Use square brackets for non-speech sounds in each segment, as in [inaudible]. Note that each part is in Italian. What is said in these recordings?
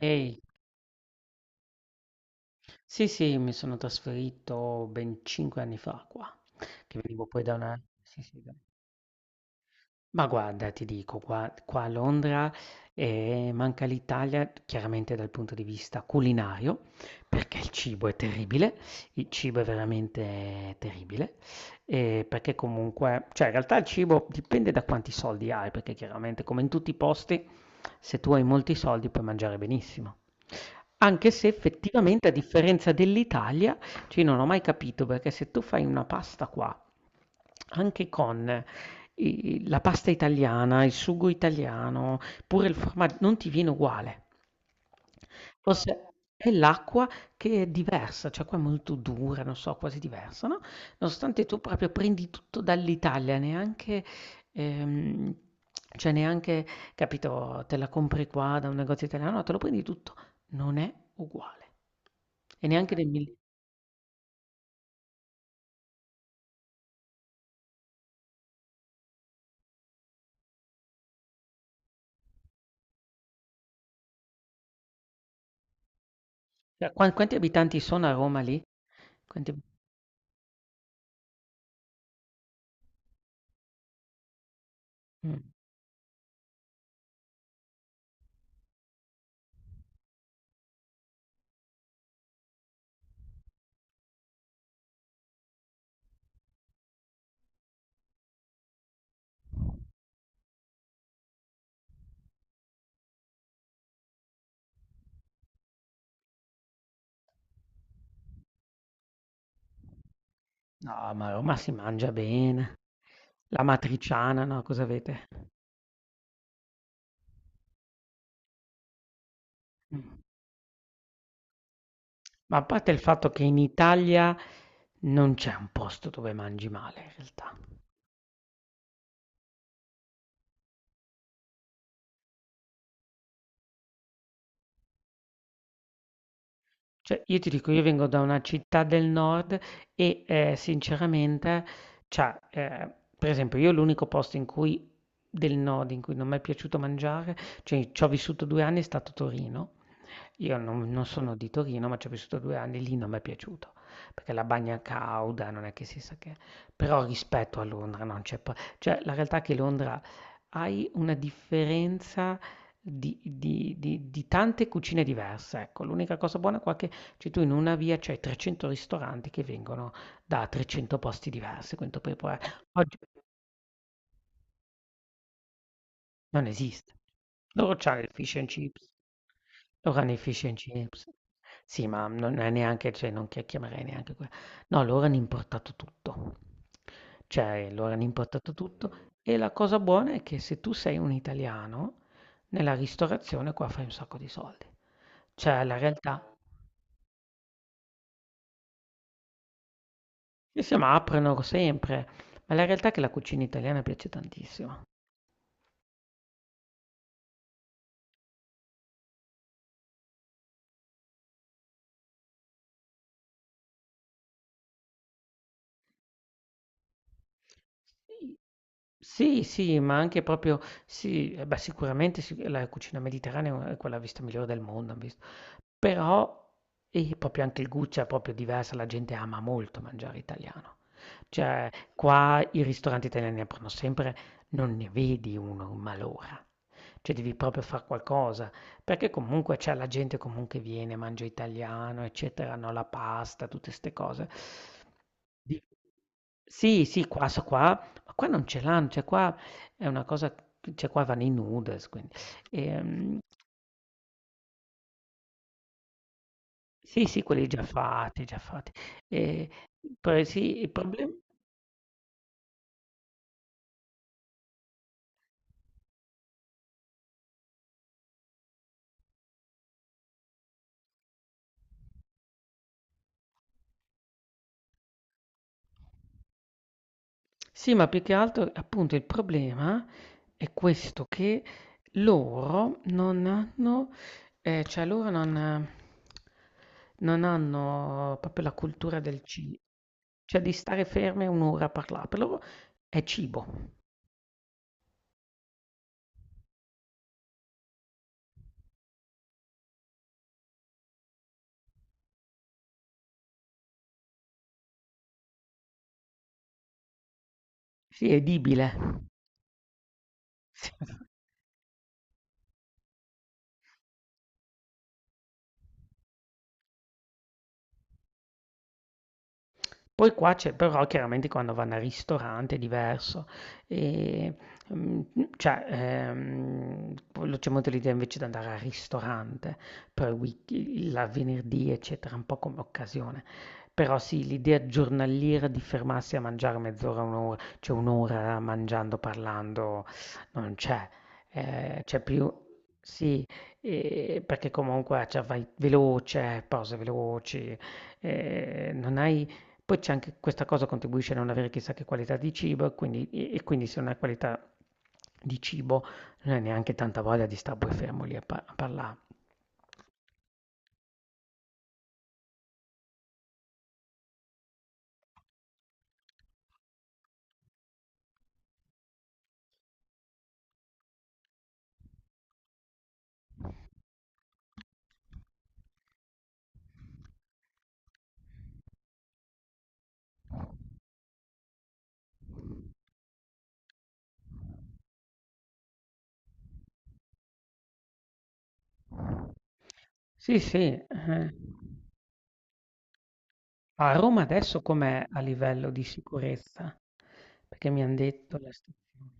Ehi, sì, sì, mi sono trasferito ben 5 anni fa qua, che venivo poi da una. Sì, sì, ma guarda, ti dico, qua a Londra manca l'Italia chiaramente dal punto di vista culinario, perché il cibo è terribile, il cibo è veramente terribile, perché comunque, cioè in realtà il cibo dipende da quanti soldi hai, perché chiaramente come in tutti i posti, se tu hai molti soldi puoi mangiare benissimo. Anche se effettivamente a differenza dell'Italia, cioè io non ho mai capito perché se tu fai una pasta qua, anche con i la pasta italiana, il sugo italiano, pure il forma non ti viene uguale. Forse è l'acqua che è diversa, cioè qua è molto dura, non so, quasi diversa, no, nonostante tu proprio prendi tutto dall'Italia, neanche ehm, cioè neanche, capito, te la compri qua da un negozio italiano, no, te lo prendi tutto, non è uguale. E neanche nel mil, cioè, quanti abitanti sono a Roma lì? Quanti mh, no, ma a Roma si mangia bene. L'amatriciana, no, cosa avete? Mh. Ma a parte il fatto che in Italia non c'è un posto dove mangi male in realtà. Cioè io ti dico, io vengo da una città del nord e, sinceramente, cioè, per esempio io l'unico posto in cui del nord in cui non m'è piaciuto mangiare, cioè c'ho vissuto 2 anni, è stato Torino. Io non sono di Torino, ma ci ho vissuto 2 anni, lì non m'è piaciuto, perché la bagna cauda, non è che si sa che, però rispetto a Londra non c'è pa cioè la realtà è che Londra hai una differenza di tante cucine diverse, ecco. L'unica cosa buona qua è che, cioè, tu in una via c'hai 300 ristoranti che vengono da 300 posti diversi, quindi tu puoi provare oggi. Non esiste. Loro c'hanno il fish and chips. Loro hanno il fish and chips. Sì, ma non è neanche, cioè non che chiamerei neanche quello. No, loro hanno importato tutto. Cioè, loro hanno importato tutto. E la cosa buona è che se tu sei un italiano, nella ristorazione qua fai un sacco di soldi. Cioè, la realtà, sì, sì, ma aprono sempre. Ma la realtà è che la cucina italiana piace tantissimo. Sì. Sì, sì, ma anche proprio sì, eh beh, sicuramente sic la cucina mediterranea è quella vista migliore del mondo, han visto. Però e proprio anche il gusto è proprio diversa, la gente ama molto mangiare italiano. Cioè, qua i ristoranti italiani aprono sempre, non ne vedi uno, ma l'ora. Cioè, devi proprio far qualcosa. Perché comunque c'è la gente comunque viene, mangia italiano, eccetera, no, la pasta, tutte ste cose. Di- Sì, sì, qua, so qua, ma qua non ce l'hanno, cioè qua è una cosa, cioè qua vanno i noodles, quindi. Ehm, sì, sì, quelli già fatti, già fatti. E, poi sì, il problema. Sì, ma più che altro, appunto, il problema è questo, che loro non hanno, cioè loro non hanno proprio la cultura del cibo, cioè di stare ferme un'ora a parlare, per loro è cibo, sì, è edibile. [laughs] Poi qua c'è però chiaramente quando vanno al ristorante è diverso, e, mm, cioè quello c'è molto l'idea invece di andare al ristorante per il venerdì eccetera, un po' come occasione. Però sì, l'idea giornaliera di fermarsi a mangiare mezz'ora, un'ora, cioè un'ora mangiando, parlando, non c'è. C'è più, sì, perché comunque, cioè, vai veloce, pause veloci, non hai, poi c'è anche questa cosa contribuisce a non avere chissà che qualità di cibo, e quindi, e quindi se non hai qualità di cibo non hai neanche tanta voglia di stare poi fermo lì a, a parlare. Sì, sì. Eh. A Roma adesso com'è a livello di sicurezza? Perché mi hanno detto la stazione.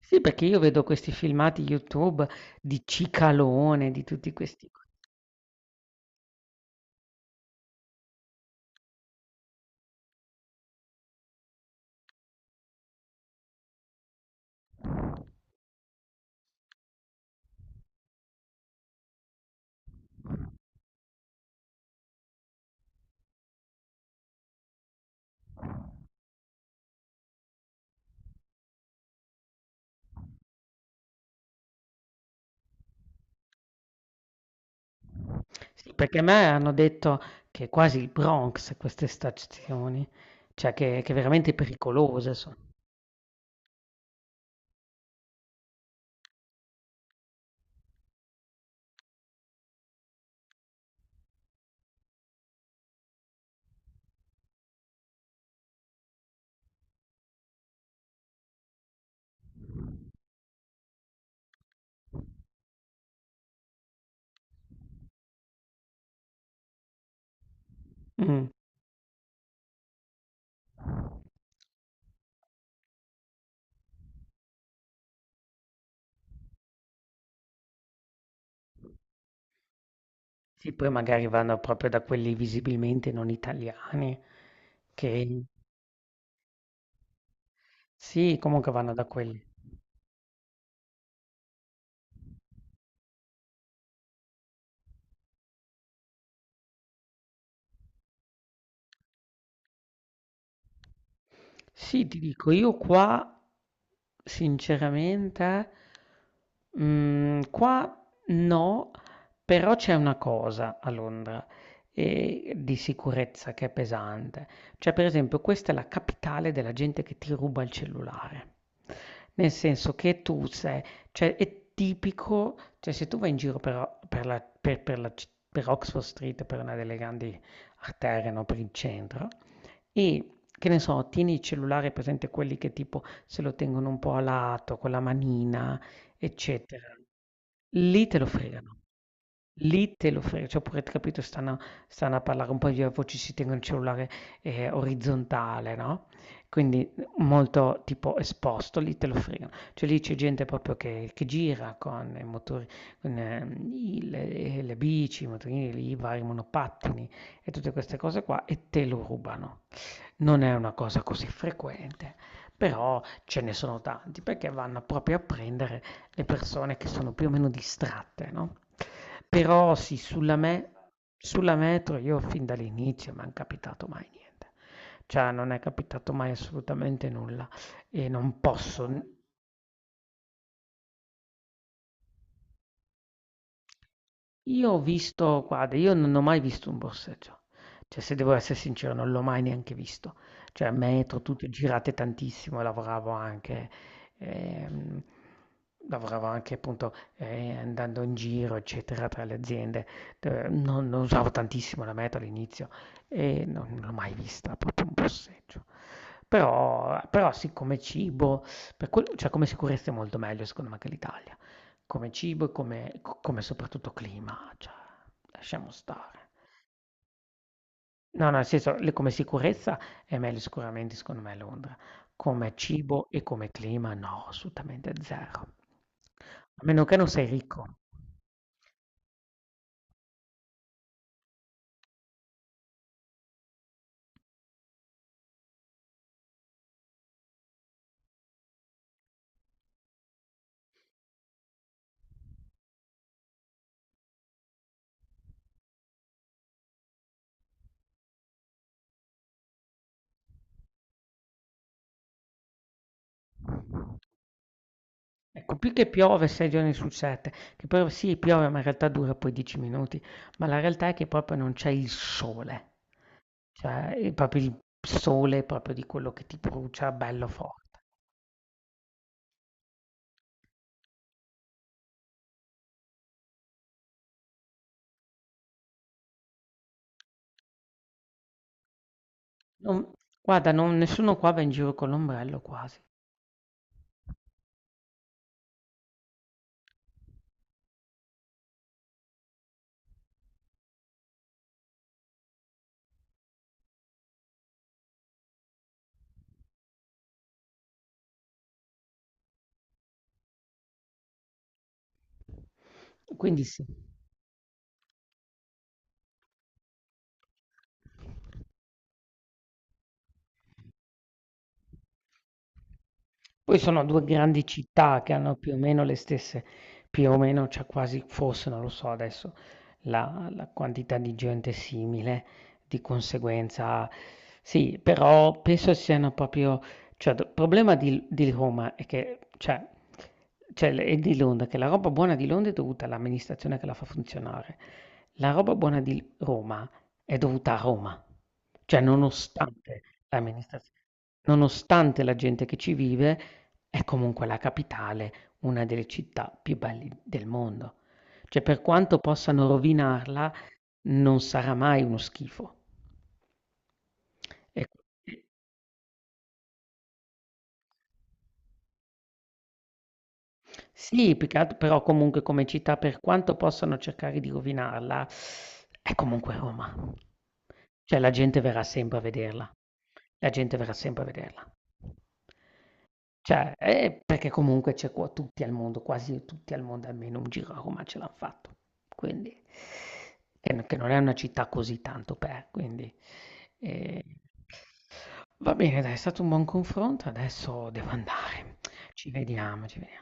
Sì, perché io vedo questi filmati YouTube di Cicalone, di tutti questi. Sì, perché a me hanno detto che è quasi il Bronx queste stazioni, cioè che veramente pericolose sono. Mm. Sì, poi magari vanno proprio da quelli visibilmente non italiani, che sì, comunque vanno da quelli. Sì, ti dico, io qua, sinceramente, qua no, però c'è una cosa a Londra, di sicurezza che è pesante. Cioè, per esempio, questa è la capitale della gente che ti ruba il cellulare. Nel senso che tu sei, cioè, è tipico, cioè, se tu vai in giro per Oxford Street, per una delle grandi arterie, no, per il centro, e che ne so, tieni il cellulare, presente quelli che tipo se lo tengono un po' a lato, con la manina, eccetera. Lì te lo fregano. Lì te lo fregano. Cioè, oppure, capito, stanno a parlare un po' di voci, si tengono il cellulare orizzontale, no? Quindi molto tipo esposto, lì te lo fregano. Cioè lì c'è gente proprio che gira con i motori, con le bici, i motorini, i vari monopattini e tutte queste cose qua, e te lo rubano. Non è una cosa così frequente, però ce ne sono tanti perché vanno proprio a prendere le persone che sono più o meno distratte, no? Però sì, sulla metro io fin dall'inizio mi è capitato mai niente, cioè non è capitato mai assolutamente nulla e non posso. Io ho visto, guarda, io non ho mai visto un borseggio, cioè se devo essere sincero non l'ho mai neanche visto, cioè metro, tutto, girate tantissimo, e lavoravo anche, ehm, appunto andando in giro, eccetera, tra le aziende. Non usavo tantissimo la metro all'inizio e non l'ho mai vista, proprio un borseggio. Però sì, come cibo, cioè come sicurezza è molto meglio secondo me che l'Italia, come cibo e come soprattutto clima, cioè lasciamo stare. No, no, nel senso, come sicurezza è meglio sicuramente secondo me Londra, come cibo e come clima no, assolutamente zero. A meno che non sei ricco. Ecco, più che piove sei giorni su sette, che poi sì piove ma in realtà dura poi 10 minuti, ma la realtà è che proprio non c'è il sole. Cioè, proprio il sole, proprio di quello che ti brucia bello forte. Non Guarda, non nessuno qua va in giro con l'ombrello quasi, quindi sì. Poi sono 2 grandi città che hanno più o meno le stesse, più o meno, cioè quasi forse, non lo so adesso, la quantità di gente è simile, di conseguenza sì, però penso siano proprio, cioè il problema di Roma è che, cioè e di Londra, che la roba buona di Londra è dovuta all'amministrazione che la fa funzionare. La roba buona di Roma è dovuta a Roma, cioè nonostante l'amministrazione, nonostante la gente che ci vive, è comunque la capitale, una delle città più belle del mondo. Cioè, per quanto possano rovinarla, non sarà mai uno schifo. E- Sì, però comunque come città, per quanto possano cercare di rovinarla, è comunque Roma. Cioè, la gente verrà sempre a vederla. La gente verrà sempre a vederla. Cioè, perché comunque c'è qua tutti al mondo, quasi tutti al mondo, almeno un giro a Roma ce l'hanno fatto. Quindi, che non è una città così tanto per, quindi... eh. Va bene, dai, è stato un buon confronto, adesso devo andare. Ci vediamo, ci vediamo.